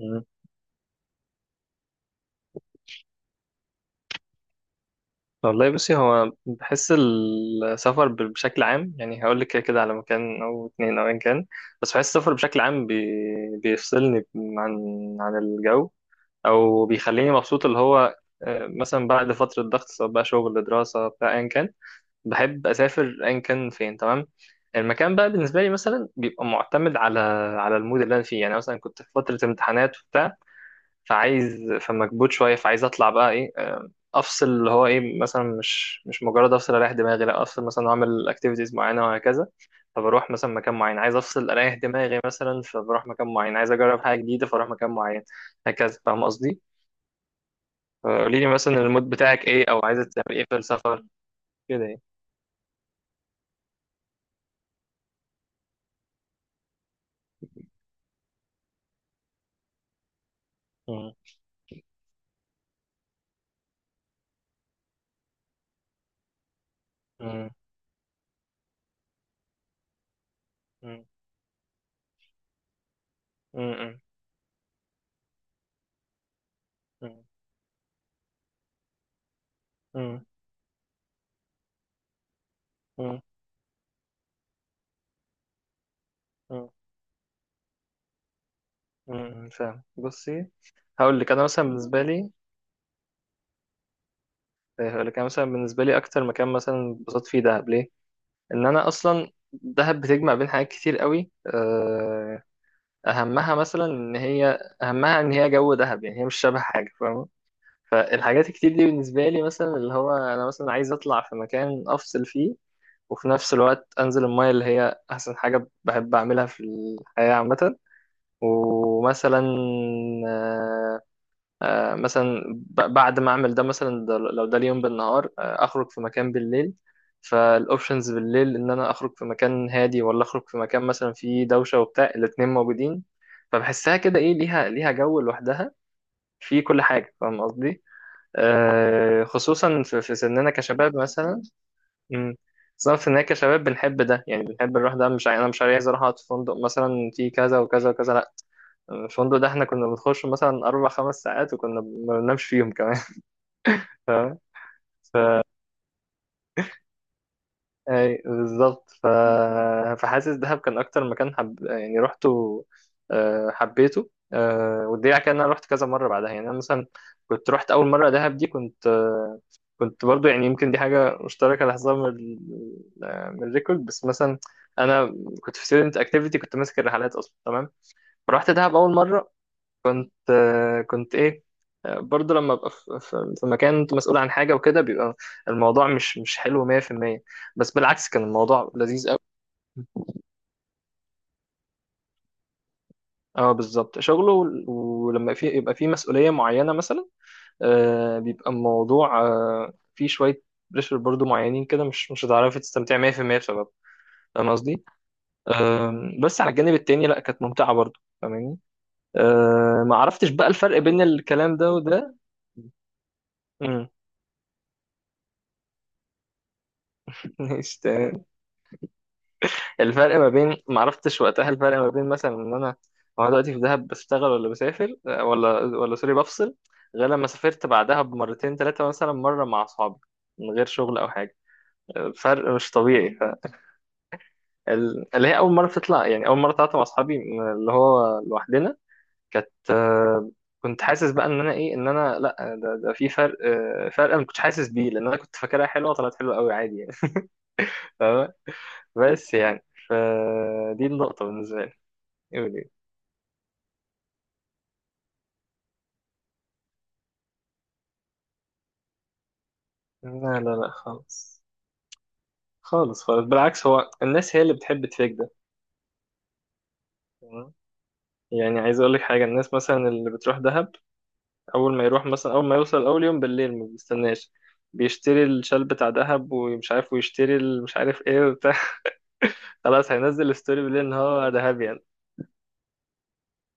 مم. والله بصي هو بحس السفر بشكل عام، يعني هقول لك كده كده على مكان او اتنين او ايا كان. بس بحس السفر بشكل عام بيفصلني عن الجو، او بيخليني مبسوط اللي هو مثلا بعد فترة ضغط سواء بقى شغل دراسة بتاع ايا كان. بحب اسافر ايا كان فين، تمام. المكان بقى بالنسبة لي مثلا بيبقى معتمد على المود اللي انا فيه. يعني مثلا كنت في فترة امتحانات وبتاع، فمكبوت شويه، فعايز اطلع بقى ايه، افصل اللي هو ايه، مثلا مش مجرد افصل اريح دماغي، لا افصل مثلا واعمل اكتيفيتيز معينه وهكذا. فبروح مثلا مكان معين عايز افصل اريح دماغي، مثلا فبروح مكان معين عايز اجرب حاجه جديده فاروح مكان معين. هكذا، فاهم قصدي؟ قولي لي مثلا المود بتاعك ايه او عايزه تعمل ايه في السفر، كده يعني. مم. مم. مم. مم. مم. مم. مم. مم. فاهم. بصي، هقول لك انا مثلا بالنسبه لي هقول لك أنا مثلا بالنسبة لي أكتر مكان مثلا اتبسطت فيه دهب. ليه؟ إن أنا أصلا دهب بتجمع بين حاجات كتير قوي. أهمها إن هي جو دهب، يعني هي مش شبه حاجة، فاهمة؟ فالحاجات الكتير دي بالنسبة لي مثلا اللي هو أنا مثلا عايز أطلع في مكان أفصل فيه، وفي نفس الوقت أنزل المايه اللي هي أحسن حاجة بحب أعملها في الحياة عامة. ومثلا آه، مثلا بعد ما اعمل ده، مثلا ده لو ده اليوم بالنهار اخرج في مكان بالليل. فالاوبشنز بالليل ان انا اخرج في مكان هادي، ولا اخرج في مكان مثلا فيه دوشه وبتاع، الاتنين موجودين. فبحسها كده ايه، ليها جو لوحدها في كل حاجه، فاهم قصدي؟ خصوصا في سننا كشباب مثلا. امم بالظبط، ان هي كشباب بنحب ده. يعني بنحب نروح ده، مش عاي- انا مش عايز اروح اقعد في فندق مثلا في كذا وكذا وكذا، لا. الفندق ده احنا كنا بنخش مثلا اربع خمس ساعات وكنا ما بننامش فيهم كمان. فاهم؟ اي بالظبط. فحاسس دهب كان اكتر مكان يعني رحته حبيته. والدليل على كده ان انا رحت كذا مره بعدها. يعني انا مثلا كنت رحت اول مره دهب دي، كنت كنت برضو، يعني يمكن دي حاجه مشتركه لاحظها من الريكورد. بس مثلا انا كنت في ستودنت اكتيفيتي، كنت ماسك الرحلات اصلا، تمام. فرحت دهب اول مره كنت ايه، برضه لما ابقى في مكان انت مسؤول عن حاجه وكده، بيبقى الموضوع مش حلو 100%. بس بالعكس كان الموضوع لذيذ قوي. اه بالظبط، شغله. ولما في يبقى في مسؤوليه معينه مثلا، بيبقى الموضوع فيه شويه بريشر برضه معينين كده، مش هتعرفي تستمتعي 100% بسبب، فاهم قصدي؟ بس على الجانب التاني لا، كانت ممتعه برضه، فاهماني؟ ما عرفتش بقى الفرق بين الكلام ده وده. مم. ماشي. الفرق ما بين ما عرفتش وقتها الفرق ما بين مثلا ان انا وانا دلوقتي في دهب بشتغل ولا بسافر ولا سوري بفصل، غير لما سافرت بعدها بمرتين ثلاثة، مثلا مرة مع أصحابي من غير شغل أو حاجة. فرق مش طبيعي. اللي هي أول مرة تطلع، يعني أول مرة طلعت مع أصحابي من اللي هو لوحدنا، كانت آه، كنت حاسس بقى إن أنا لأ. ده في فرق، فرق أنا ما كنتش حاسس بيه لأن أنا كنت فاكرها حلوة. طلعت حلوة قوي عادي يعني. فاهمة؟ بس يعني فدي النقطة بالنسبة لي. لا، لا، لا خالص. خالص خالص، بالعكس، هو الناس هي اللي بتحب تفيك ده، تمام؟ يعني عايز اقول لك حاجه، الناس مثلا اللي بتروح دهب، اول ما يوصل اول يوم بالليل ما بيستناش، بيشتري الشال بتاع دهب ومش عارف، ويشتري مش عارف ايه وبتاع. خلاص هينزل الستوري بالليل ان هو دهب يعني.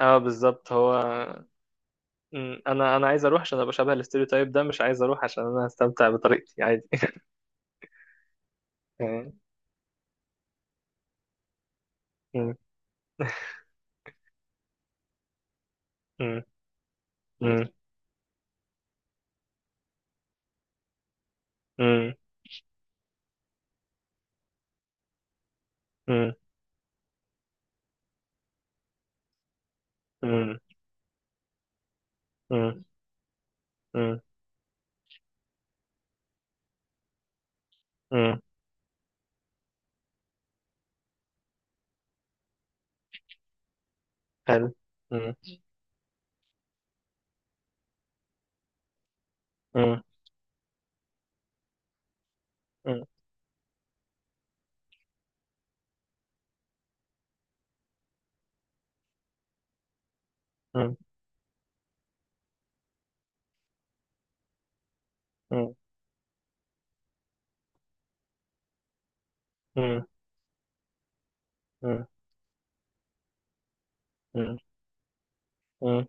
اه بالظبط، هو انا عايز اروح عشان ابقى شبه الاستوريو تايب ده، مش عايز اروح عشان انا هستمتع بطريقتي عادي. تمام؟ م. م. م. م. م. م. م. م. م. حلو. مم. مم. مم. مم. مم. مم. مم. مم.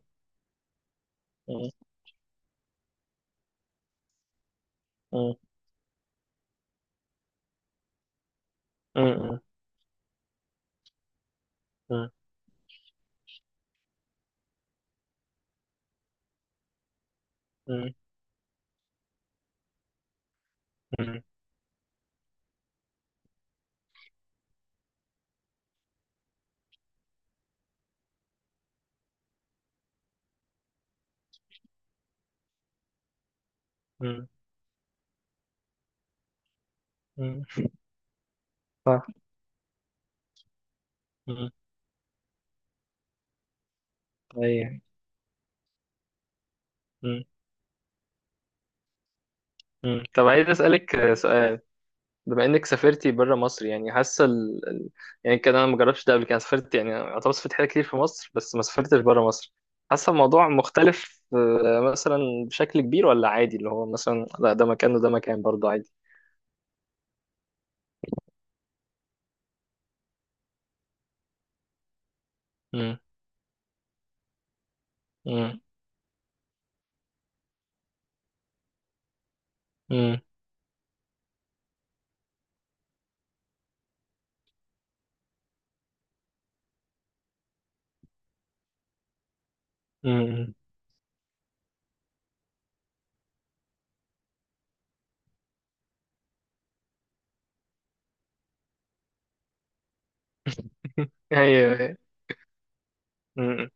مم. مم. مم. مم. مم. مم. مم. مم. صح. مم. أيوة. مم. مم. طب عايز أسألك سؤال. بما إنك سافرتي بره مصر، يعني حاسة يعني كده أنا ما جربتش ده قبل كده، أنا سافرت، يعني أعتبر سافرت حاجات كتير في مصر بس ما سافرتش بره مصر. حاسة الموضوع مختلف، مثلا بشكل كبير، ولا عادي اللي هو مثلا لا ده مكان وده مكان برضه عادي؟ مم. مم. مم. مم. ايوه. أمم.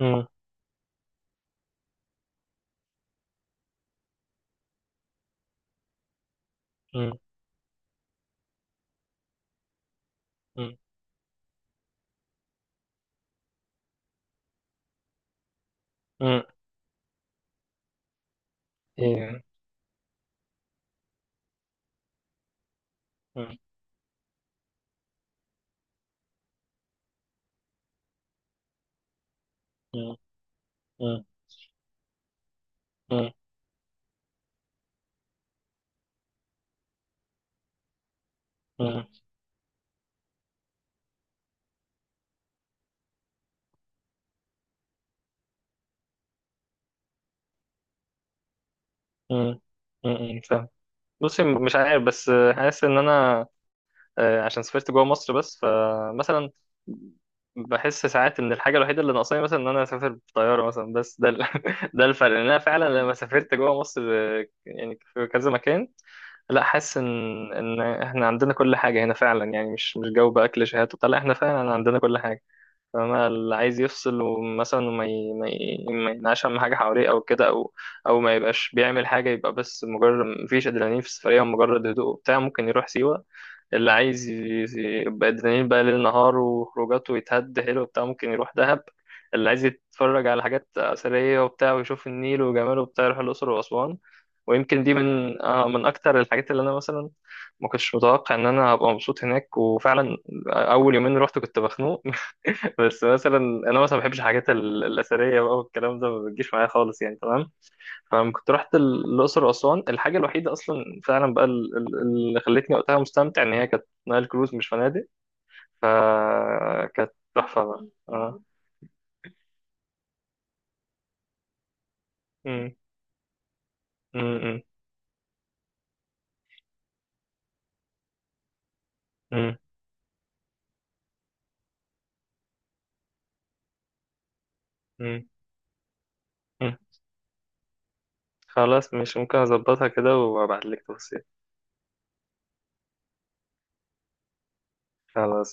أمم. أمم. أمم. أمم. أيوة. أمم. أمم. أمم. أمم. أمم. أمم. أمم. فاهم. بصي مش عارف، بس حاسس ان انا عشان سافرت جوه مصر بس، فمثلا بحس ساعات ان الحاجه الوحيده اللي ناقصاني مثلا ان انا اسافر بطياره مثلا، بس ده ده الفرق. ان انا فعلا لما سافرت جوه مصر يعني في كذا مكان، لا حاسس ان احنا عندنا كل حاجه هنا فعلا. يعني مش جو بقى كليشيهات وبتاع، لا احنا فعلا عندنا كل حاجه. فانا اللي عايز يفصل، ومثلا وما ي... ما ي... ما ينعش اهم حاجه حواليه او كده، او او ما يبقاش بيعمل حاجه، يبقى بس مجرد مفيش ادرينالين في السفريه ومجرد هدوء وبتاع، ممكن يروح سيوه. اللي عايز ي- يبقى ادرينالين بقى ليل نهار وخروجات ويتهد حلو وبتاع، ممكن يروح دهب. اللي عايز يتفرج على حاجات اثريه وبتاع ويشوف النيل وجماله وبتاع، يروح الاقصر واسوان. ويمكن دي من اكتر الحاجات اللي انا مثلا ما كنتش متوقع ان انا هبقى مبسوط هناك، وفعلا اول يومين رحت كنت مخنوق. بس مثلا انا مثلا ما بحبش الحاجات الاثريه بقى والكلام ده، ما بتجيش معايا خالص يعني، تمام؟ فلما كنت رحت الاقصر واسوان، الحاجه الوحيده اصلا فعلا بقى اللي خلتني وقتها مستمتع ان هي كانت نايل كروز مش فنادق. فكانت تحفه بقى، اه. أمم. أمم. أمم. أمم. أمم. أمم. خلاص مش ممكن اظبطها كده وابعت لك تفاصيل. خلاص.